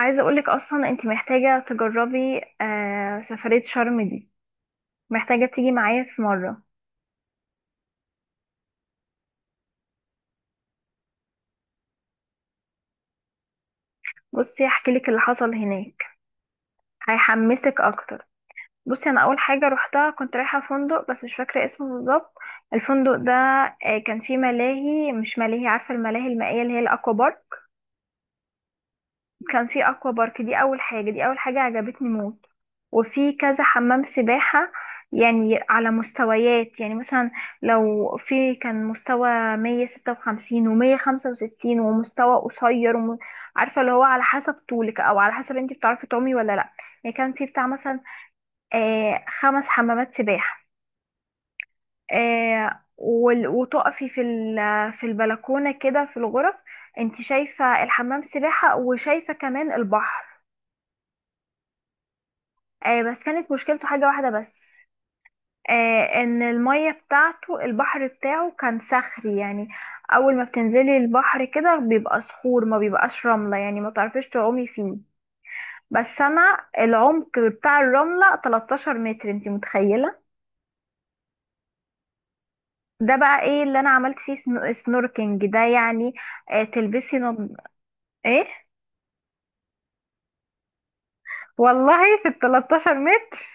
عايزة اقولك اصلا انت محتاجة تجربي سفرية شرم دي. محتاجة تيجي معايا في مرة. بصي، هحكيلك اللي حصل هناك، هيحمسك اكتر. بصي، انا اول حاجة روحتها كنت رايحة فندق بس مش فاكرة اسمه بالظبط. الفندق ده كان فيه ملاهي، مش ملاهي، عارفة الملاهي المائية اللي هي الاكوا بارك. كان فيه اكوا بارك، دي اول حاجة عجبتني موت. وفي كذا حمام سباحة، يعني على مستويات، يعني مثلا لو في كان مستوى 156 ومية خمسة وستين ومستوى قصير عارفة اللي هو على حسب طولك أو على حسب انتي بتعرفي تعومي ولا لأ. يعني كان في بتاع مثلا خمس حمامات سباحة. وتقفي في البلكونة كده في الغرف، انتي شايفة الحمام سباحة وشايفة كمان البحر. بس كانت مشكلته حاجة واحدة بس، ان المية بتاعته، البحر بتاعه كان صخري يعني. اول ما بتنزلي البحر كده بيبقى صخور، ما بيبقاش رملة، يعني ما تعرفيش تعومي فيه. بس انا العمق بتاع الرملة 13 متر، انتي متخيلة؟ ده بقى ايه اللي انا عملت فيه، سنوركينج ده يعني. تلبسي ايه والله في ال 13 متر.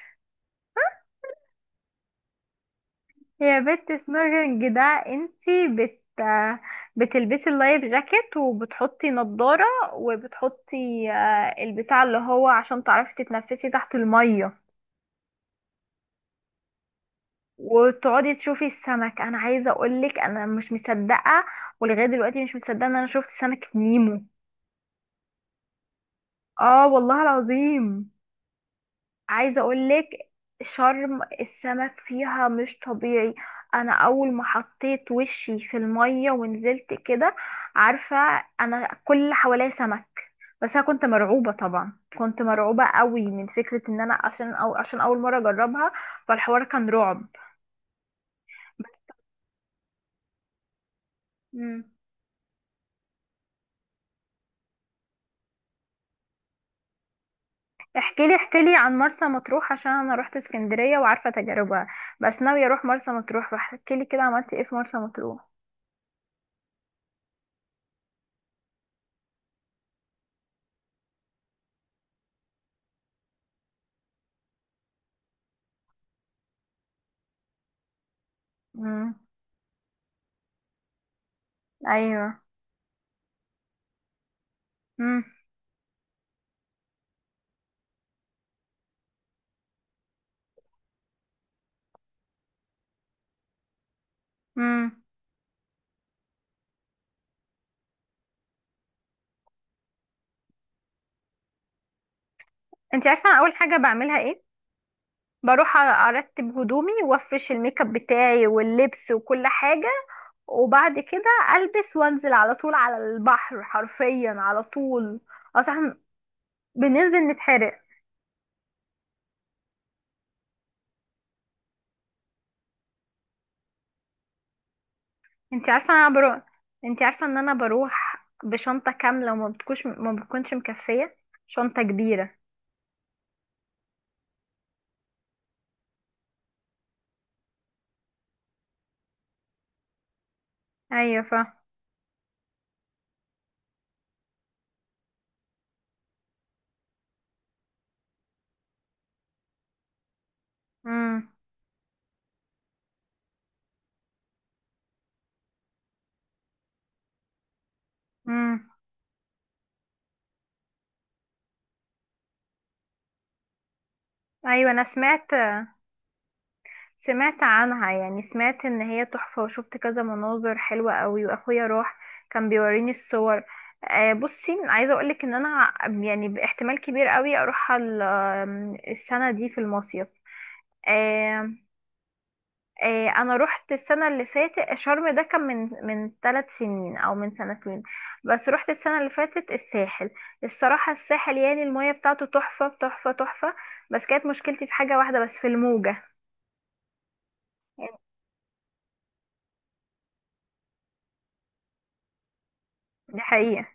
هي بت سميرنج ده. انتي بت، بتلبسي اللايف جاكيت وبتحطي نضارة، وبتحطي البتاع اللي هو عشان تعرفي تتنفسي تحت المية، وتقعدي تشوفي السمك. انا عايزة اقولك انا مش مصدقة، ولغاية دلوقتي مش مصدقة ان انا شفت سمكة نيمو. اه، والله العظيم. عايزه اقول لك، شرم السمك فيها مش طبيعي. انا اول ما حطيت وشي في الميه ونزلت كده، عارفه، انا كل اللي حواليا سمك. بس انا كنت مرعوبه، طبعا كنت مرعوبه قوي من فكره ان انا عشان عشان اول مره اجربها، فالحوار كان رعب. مم. احكي لي، احكي لي عن مرسى مطروح عشان انا روحت اسكندريه وعارفه تجاربها، بس ناويه اروح مرسى مطروح، فاحكي لي كده عملتي ايه في مرسى مطروح. امم. ايوه. امم. انت عارفه أنا اول حاجه بعملها ايه؟ بروح ارتب هدومي وافرش الميك اب بتاعي واللبس وكل حاجه، وبعد كده البس وانزل على طول على البحر، حرفيا على طول. اصلا بننزل نتحرق. انت عارفه انا بروح، انت عارفه ان انا بروح بشنطه كامله وما بتكونش ما بتكونش مكفيه، شنطه كبيره. ايوه، ف... امم. امم. ايوه، انا سمعت، سمعت عنها، يعني سمعت ان هي تحفة، وشفت كذا مناظر حلوة قوي، واخويا راح كان بيوريني الصور. بصي عايزة اقولك ان انا يعني باحتمال كبير قوي اروح ال- آم، السنة دي في المصيف. آه، انا رحت السنة اللي فاتت شرم، ده كان من ثلاث سنين او من سنتين، بس رحت السنة اللي فاتت الساحل. الصراحة الساحل، يعني المية بتاعته تحفة تحفة تحفة، بس كانت مشكلتي في حاجة واحدة بس، في الموجة. يعني دي حقيقة.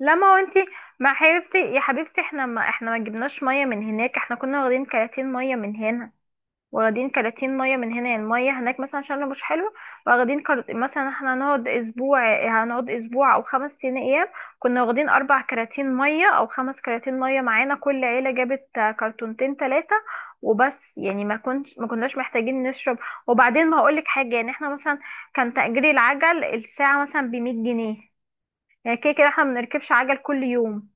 لا ما هو انتي، ما حبيبتي، يا حبيبتي، احنا ما جبناش ميه من هناك، احنا كنا واخدين كراتين ميه من هنا. واخدين كراتين ميه من هنا، يعني الميه هناك مثلا عشان لو مش حلو. مثلا احنا هنقعد اسبوع، هنقعد اسبوع او خمس سنين ايام، كنا واخدين اربع كراتين ميه او خمس كراتين ميه معانا، كل عيله جابت كرتونتين ثلاثه وبس، يعني ما كناش محتاجين نشرب. وبعدين ما هقولك حاجه، يعني احنا مثلا كان تأجير العجل الساعه مثلا ب 100 جنيه، يعني كده كده احنا بنركبش عجل كل يوم،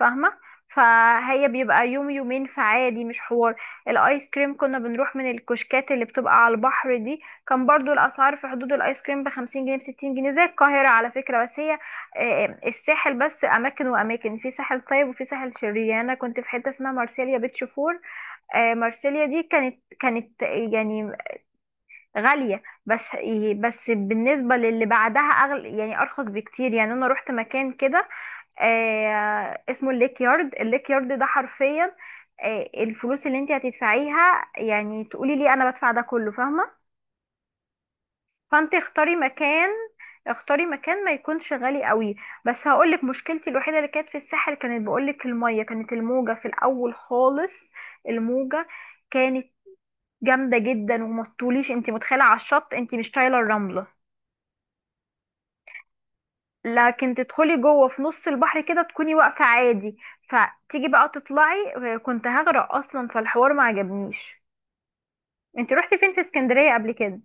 فاهمة؟ فهي بيبقى يوم يومين فعادي، مش حوار. الايس كريم كنا بنروح من الكشكات اللي بتبقى على البحر دي، كان برضو الاسعار في حدود، الايس كريم ب 50 جنيه، ب 60 جنيه، زي القاهرة على فكرة. بس هي الساحل بس اماكن واماكن، في ساحل طيب وفي ساحل شرير، يعني انا كنت في حتة اسمها مارسيليا بيتش فور. مارسيليا دي كانت يعني غالية، بس بس بالنسبة للي بعدها اغلى، يعني ارخص بكتير. يعني انا روحت مكان كده اسمه الليك يارد، الليك يارد ده حرفيا الفلوس اللي انت هتدفعيها يعني تقولي لي انا بدفع ده كله، فاهمه؟ فانت اختاري مكان، اختاري مكان ما يكونش غالي قوي. بس هقولك مشكلتي الوحيده اللي كانت في الساحل، كانت بقولك الميه كانت الموجه في الاول خالص. الموجه كانت جامده جدا، وما تطوليش، انت متخيله، على الشط انت مش طايله الرمله. لكن تدخلي جوه في نص البحر كده تكوني واقفة عادي. فتيجي بقى تطلعي، كنت هغرق اصلا، فالحوار ما عجبنيش. انت روحتي فين في اسكندرية قبل كده؟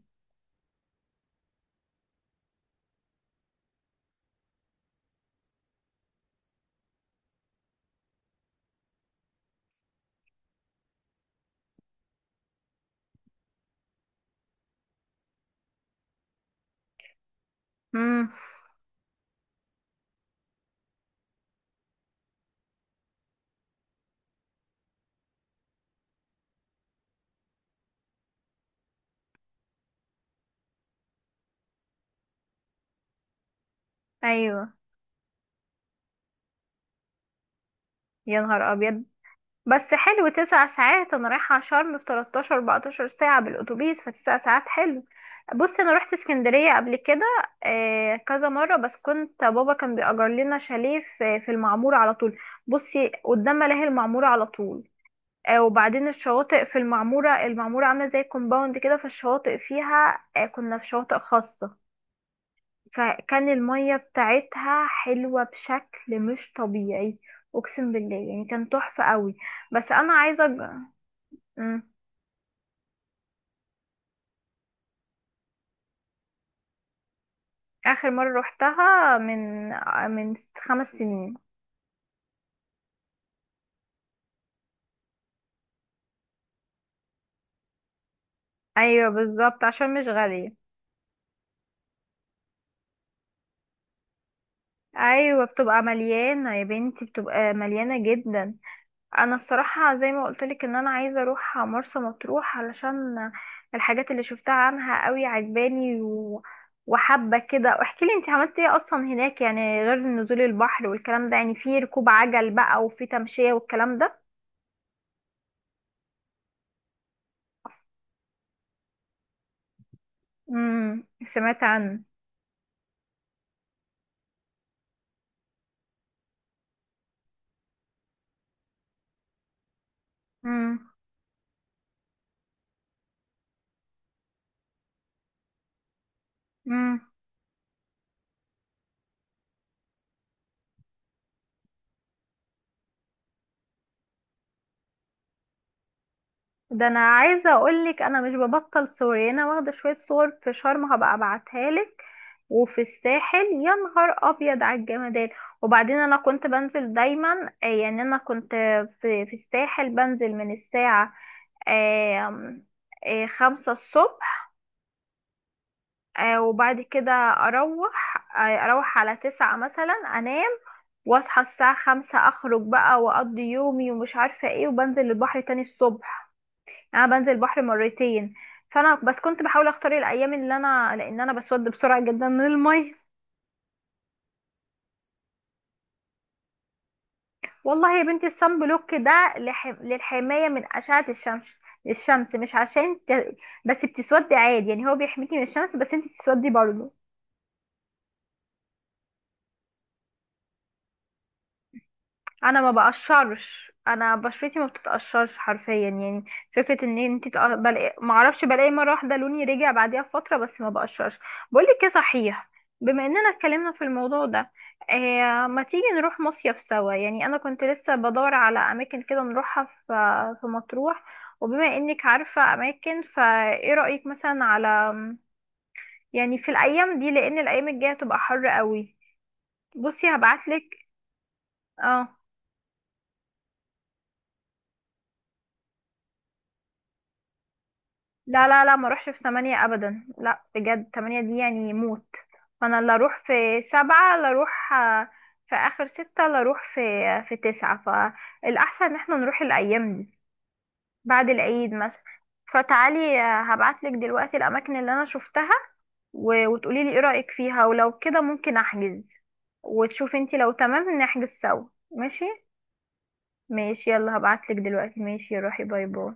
امم. ايوه. يا نهار ابيض. بس حلو، تسع ساعات. انا رايحة شرم في 13 14 ساعة بالاتوبيس، فتسع ساعات حلو. بصي، انا روحت اسكندرية قبل كده كذا مرة، بس كنت بابا كان بيأجر لنا شاليه في المعمورة على طول. بصي قدام ملاهي المعمورة على طول. وبعدين الشواطئ في المعمورة، المعمورة عاملة زي كومباوند كده، فالشواطئ فيها كنا في شواطئ خاصة، فكان المية بتاعتها حلوة بشكل مش طبيعي. اقسم بالله، يعني كان تحفة قوي. بس انا عايزة مم. اخر مرة روحتها من من خمس سنين. ايوه بالظبط، عشان مش غالية. ايوه بتبقى مليانة يا بنتي، بتبقى مليانة جدا. انا الصراحه زي ما قلت لك ان انا عايزه اروح مرسى مطروح علشان الحاجات اللي شفتها عنها قوي عجباني، و... وحابه كده. واحكي لي انت عملتي ايه اصلا هناك، يعني غير نزول البحر والكلام ده، يعني في ركوب عجل بقى وفي تمشيه والكلام ده. امم، سمعت عنه. امم. ده انا عايزه اقولك انا مش ببطل سوري، انا واخده شويه صور في شرم هبقى ابعتها لك، وفي الساحل، يا نهار ابيض على الجمدان. وبعدين انا كنت بنزل دايما، يعني انا كنت في الساحل بنزل من الساعه آم، خمسة الصبح، وبعد كده اروح، اروح على تسعة مثلا انام، واصحى الساعة خمسة، اخرج بقى واقضي يومي ومش عارفة ايه، وبنزل البحر تاني الصبح. انا بنزل البحر مرتين. فانا بس كنت بحاول اختار الايام اللي انا لان انا بسود بسرعه جدا من الميه. والله يا بنتي الصن بلوك ده للحمايه من اشعه الشمس، الشمس مش عشان بس بتسودي عادي، يعني هو بيحميكي من الشمس بس انت بتسودي برضه. انا ما بقشرش، انا بشرتي ما بتتقشرش حرفيا يعني. فكره ان انت بلاقي، ما اعرفش، بلاقي مره واحده لوني رجع بعديها بفتره، بس ما بقشرش. بقول لك ايه صحيح، بما اننا اتكلمنا في الموضوع ده، ما تيجي نروح مصيف سوا، يعني انا كنت لسه بدور على اماكن كده نروحها في، في مطروح. وبما انك عارفه اماكن، فايه رايك مثلا على، يعني في الايام دي، لان الايام الجايه تبقى حر قوي. بصي هبعتلك. اه، لا لا لا ما اروحش في تمانية ابدا، لا بجد تمانية دي يعني موت. فانا لا اروح في سبعة، لا اروح في اخر ستة، لا اروح في في تسعة. فالاحسن ان احنا نروح الايام دي بعد العيد مثلا، فتعالي هبعتلك دلوقتي الاماكن اللي انا شفتها، وتقولي لي ايه رايك فيها، ولو كده ممكن احجز وتشوفي انتي لو تمام نحجز سوا. ماشي، ماشي، يلا هبعتلك دلوقتي. ماشي روحي، باي باي.